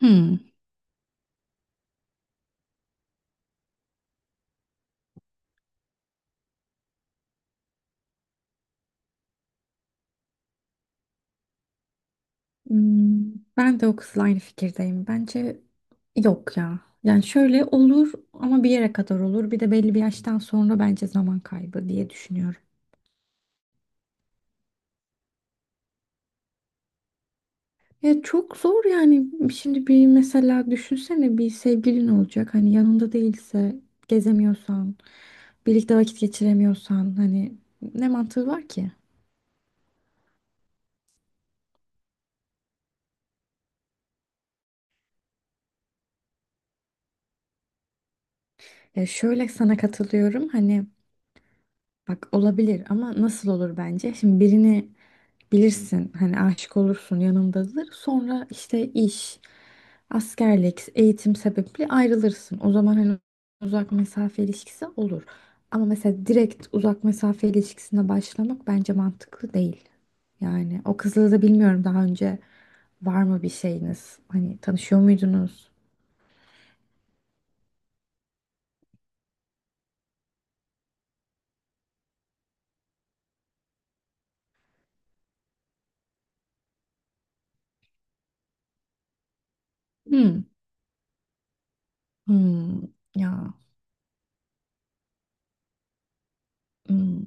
Hmm. Hmm, ben de o kızla aynı fikirdeyim. Bence yok ya. Yani şöyle olur ama bir yere kadar olur. Bir de belli bir yaştan sonra bence zaman kaybı diye düşünüyorum. Ya çok zor yani. Şimdi bir mesela düşünsene, bir sevgilin olacak. Hani yanında değilse, gezemiyorsan, birlikte vakit geçiremiyorsan, hani ne mantığı var ki? Ya şöyle, sana katılıyorum. Hani bak, olabilir ama nasıl olur bence? Şimdi birini bilirsin, hani aşık olursun, yanındadır. Sonra işte iş, askerlik, eğitim sebebiyle ayrılırsın. O zaman hani uzak mesafe ilişkisi olur. Ama mesela direkt uzak mesafe ilişkisine başlamak bence mantıklı değil. Yani o kızla da bilmiyorum, daha önce var mı bir şeyiniz? Hani tanışıyor muydunuz? Hmm. Hmm. Ya. Hmm.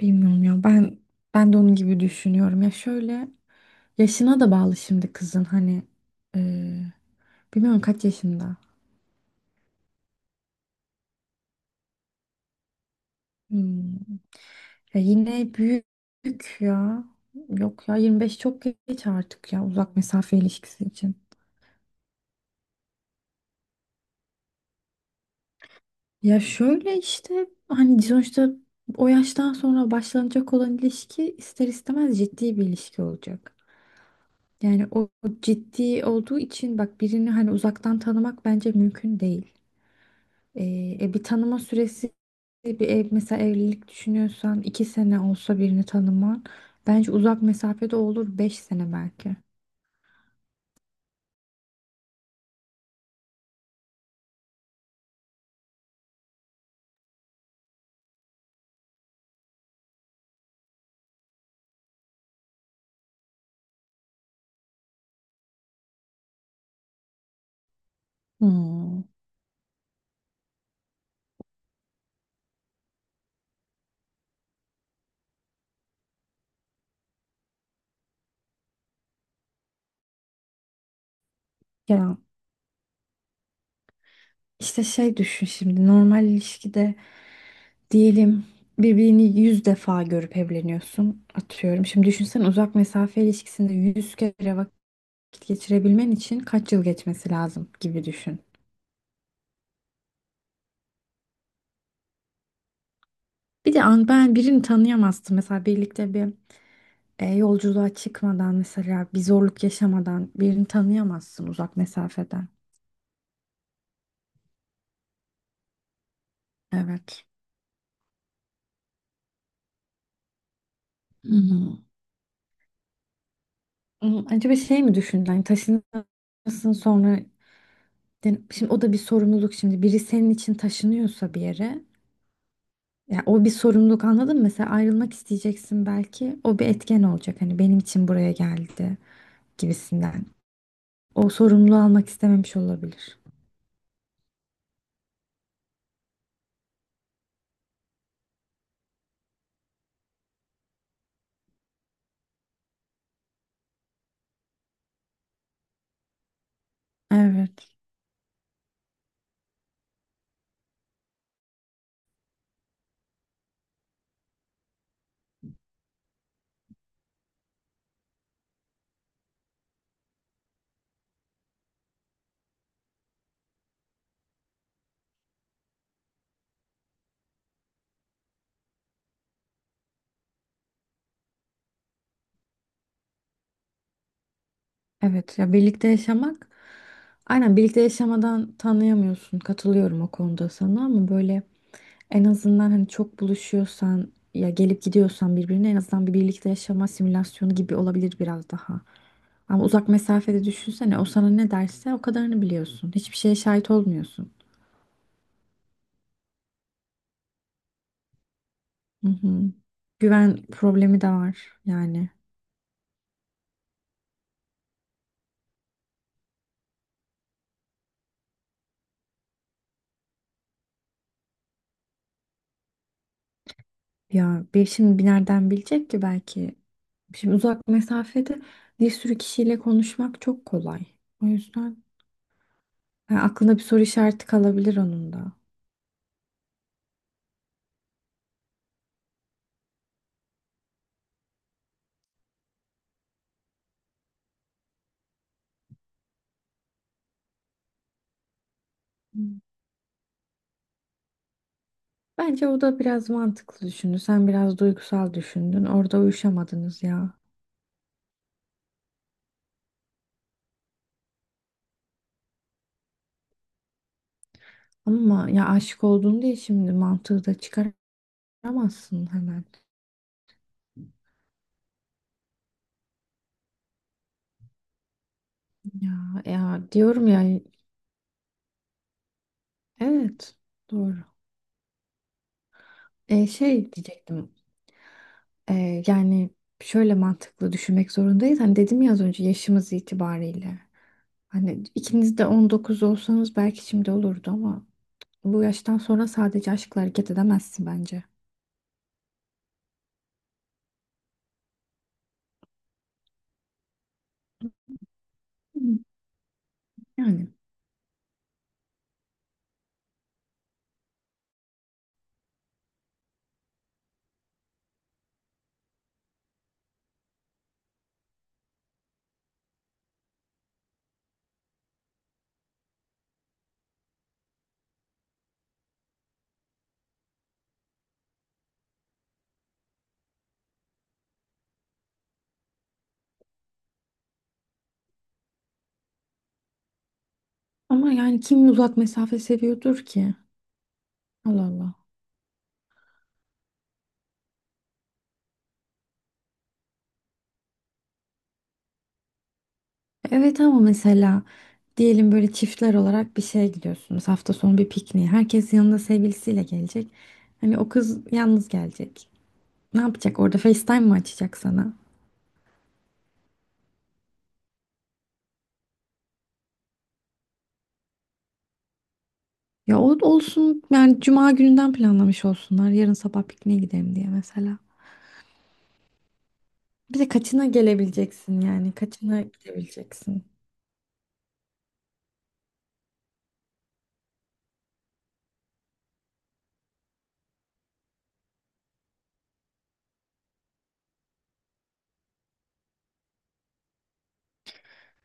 Bilmiyorum ya, ben ben de onun gibi düşünüyorum ya. Şöyle, yaşına da bağlı şimdi kızın. Hani eee, bilmiyorum kaç yaşında. Hmm. Ya yine büyük ya. Yok ya, 25 çok geç artık ya uzak mesafe ilişkisi için. Ya şöyle işte, hani sonuçta o yaştan sonra başlanacak olan ilişki ister istemez ciddi bir ilişki olacak. Yani o ciddi olduğu için, bak, birini hani uzaktan tanımak bence mümkün değil. Bir tanıma süresi, bir ev, mesela evlilik düşünüyorsan, iki sene olsa birini tanıman, bence uzak mesafede olur beş sene belki. Hmm. Ya işte şey, düşün şimdi, normal ilişkide diyelim, birbirini yüz defa görüp evleniyorsun atıyorum. Şimdi düşünsen, uzak mesafe ilişkisinde yüz kere vakit geçirebilmen için kaç yıl geçmesi lazım gibi düşün. Bir de an ben birini tanıyamazdım. Mesela birlikte bir yolculuğa çıkmadan, mesela bir zorluk yaşamadan birini tanıyamazsın uzak mesafeden. Evet. Hmm. Hmm, acaba şey mi düşündün? Hani taşınırsın sonra. Yani şimdi o da bir sorumluluk şimdi. Biri senin için taşınıyorsa bir yere, ya o bir sorumluluk, anladın mı? Mesela ayrılmak isteyeceksin belki. O bir etken olacak. Hani benim için buraya geldi gibisinden. O sorumluluğu almak istememiş olabilir. Evet. Evet, ya birlikte yaşamak, aynen, birlikte yaşamadan tanıyamıyorsun, katılıyorum o konuda sana. Ama böyle, en azından hani çok buluşuyorsan ya gelip gidiyorsan birbirine, en azından bir birlikte yaşama simülasyonu gibi olabilir biraz daha. Ama uzak mesafede düşünsene, o sana ne derse o kadarını biliyorsun. Hiçbir şeye şahit olmuyorsun. Hı hı. Güven problemi de var yani. Ya bir şimdi, bir nereden bilecek ki belki. Şimdi uzak mesafede bir sürü kişiyle konuşmak çok kolay. O yüzden yani aklına bir soru işareti kalabilir onun da. Hmm. Bence o da biraz mantıklı düşündü. Sen biraz duygusal düşündün. Orada uyuşamadınız ya. Ama ya aşık oldun diye şimdi mantığı da çıkaramazsın hemen. Ya diyorum ya. Evet. Doğru. Şey diyecektim. Yani şöyle, mantıklı düşünmek zorundayız. Hani dedim ya az önce, yaşımız itibariyle. Hani ikiniz de 19 olsanız belki şimdi olurdu ama bu yaştan sonra sadece aşkla hareket edemezsin bence. Hı. Yani ama yani kim uzak mesafe seviyordur ki? Allah Allah. Evet ama mesela diyelim böyle çiftler olarak bir şeye gidiyorsunuz. Hafta sonu bir pikniğe. Herkes yanında sevgilisiyle gelecek. Hani o kız yalnız gelecek. Ne yapacak orada? FaceTime mı açacak sana? Ya o olsun yani, cuma gününden planlamış olsunlar. Yarın sabah pikniğe gidelim diye mesela. Bir de kaçına gelebileceksin yani? Kaçına gidebileceksin?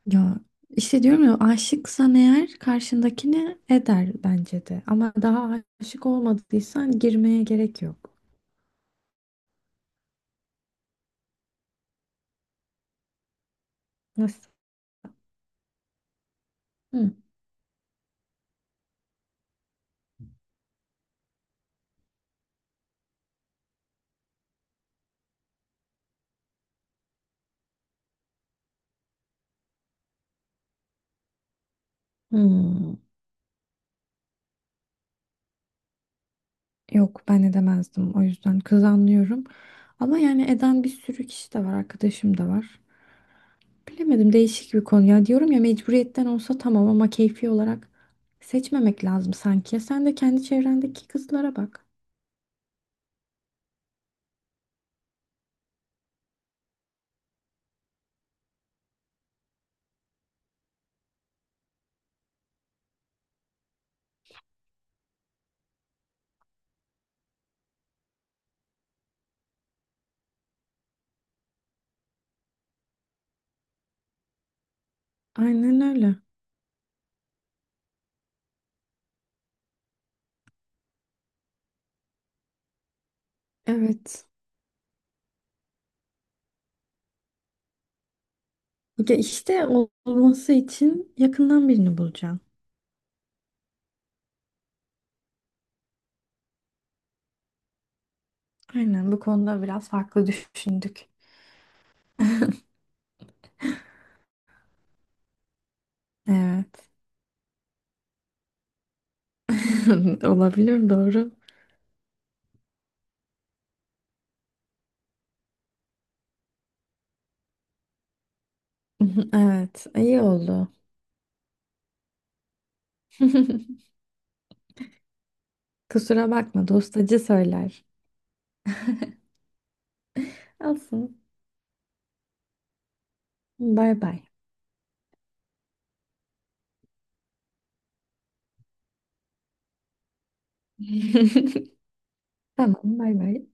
Ya işte diyorum ya, aşıksan eğer karşındakini eder bence de. Ama daha aşık olmadıysan girmeye gerek yok. Nasıl? Hı. Hmm. Yok, ben edemezdim, o yüzden kız anlıyorum. Ama yani eden bir sürü kişi de var, arkadaşım da var. Bilemedim, değişik bir konu ya. Diyorum ya, mecburiyetten olsa tamam ama keyfi olarak seçmemek lazım sanki. Sen de kendi çevrendeki kızlara bak. Aynen öyle. Evet. Ya işte olması için yakından birini bulacaksın. Aynen, bu konuda biraz farklı düşündük. Evet. Olabilir, doğru. Evet, iyi oldu. Kusura bakma, dostacı söyler. Olsun. Bay bay. Tamam, bay bay.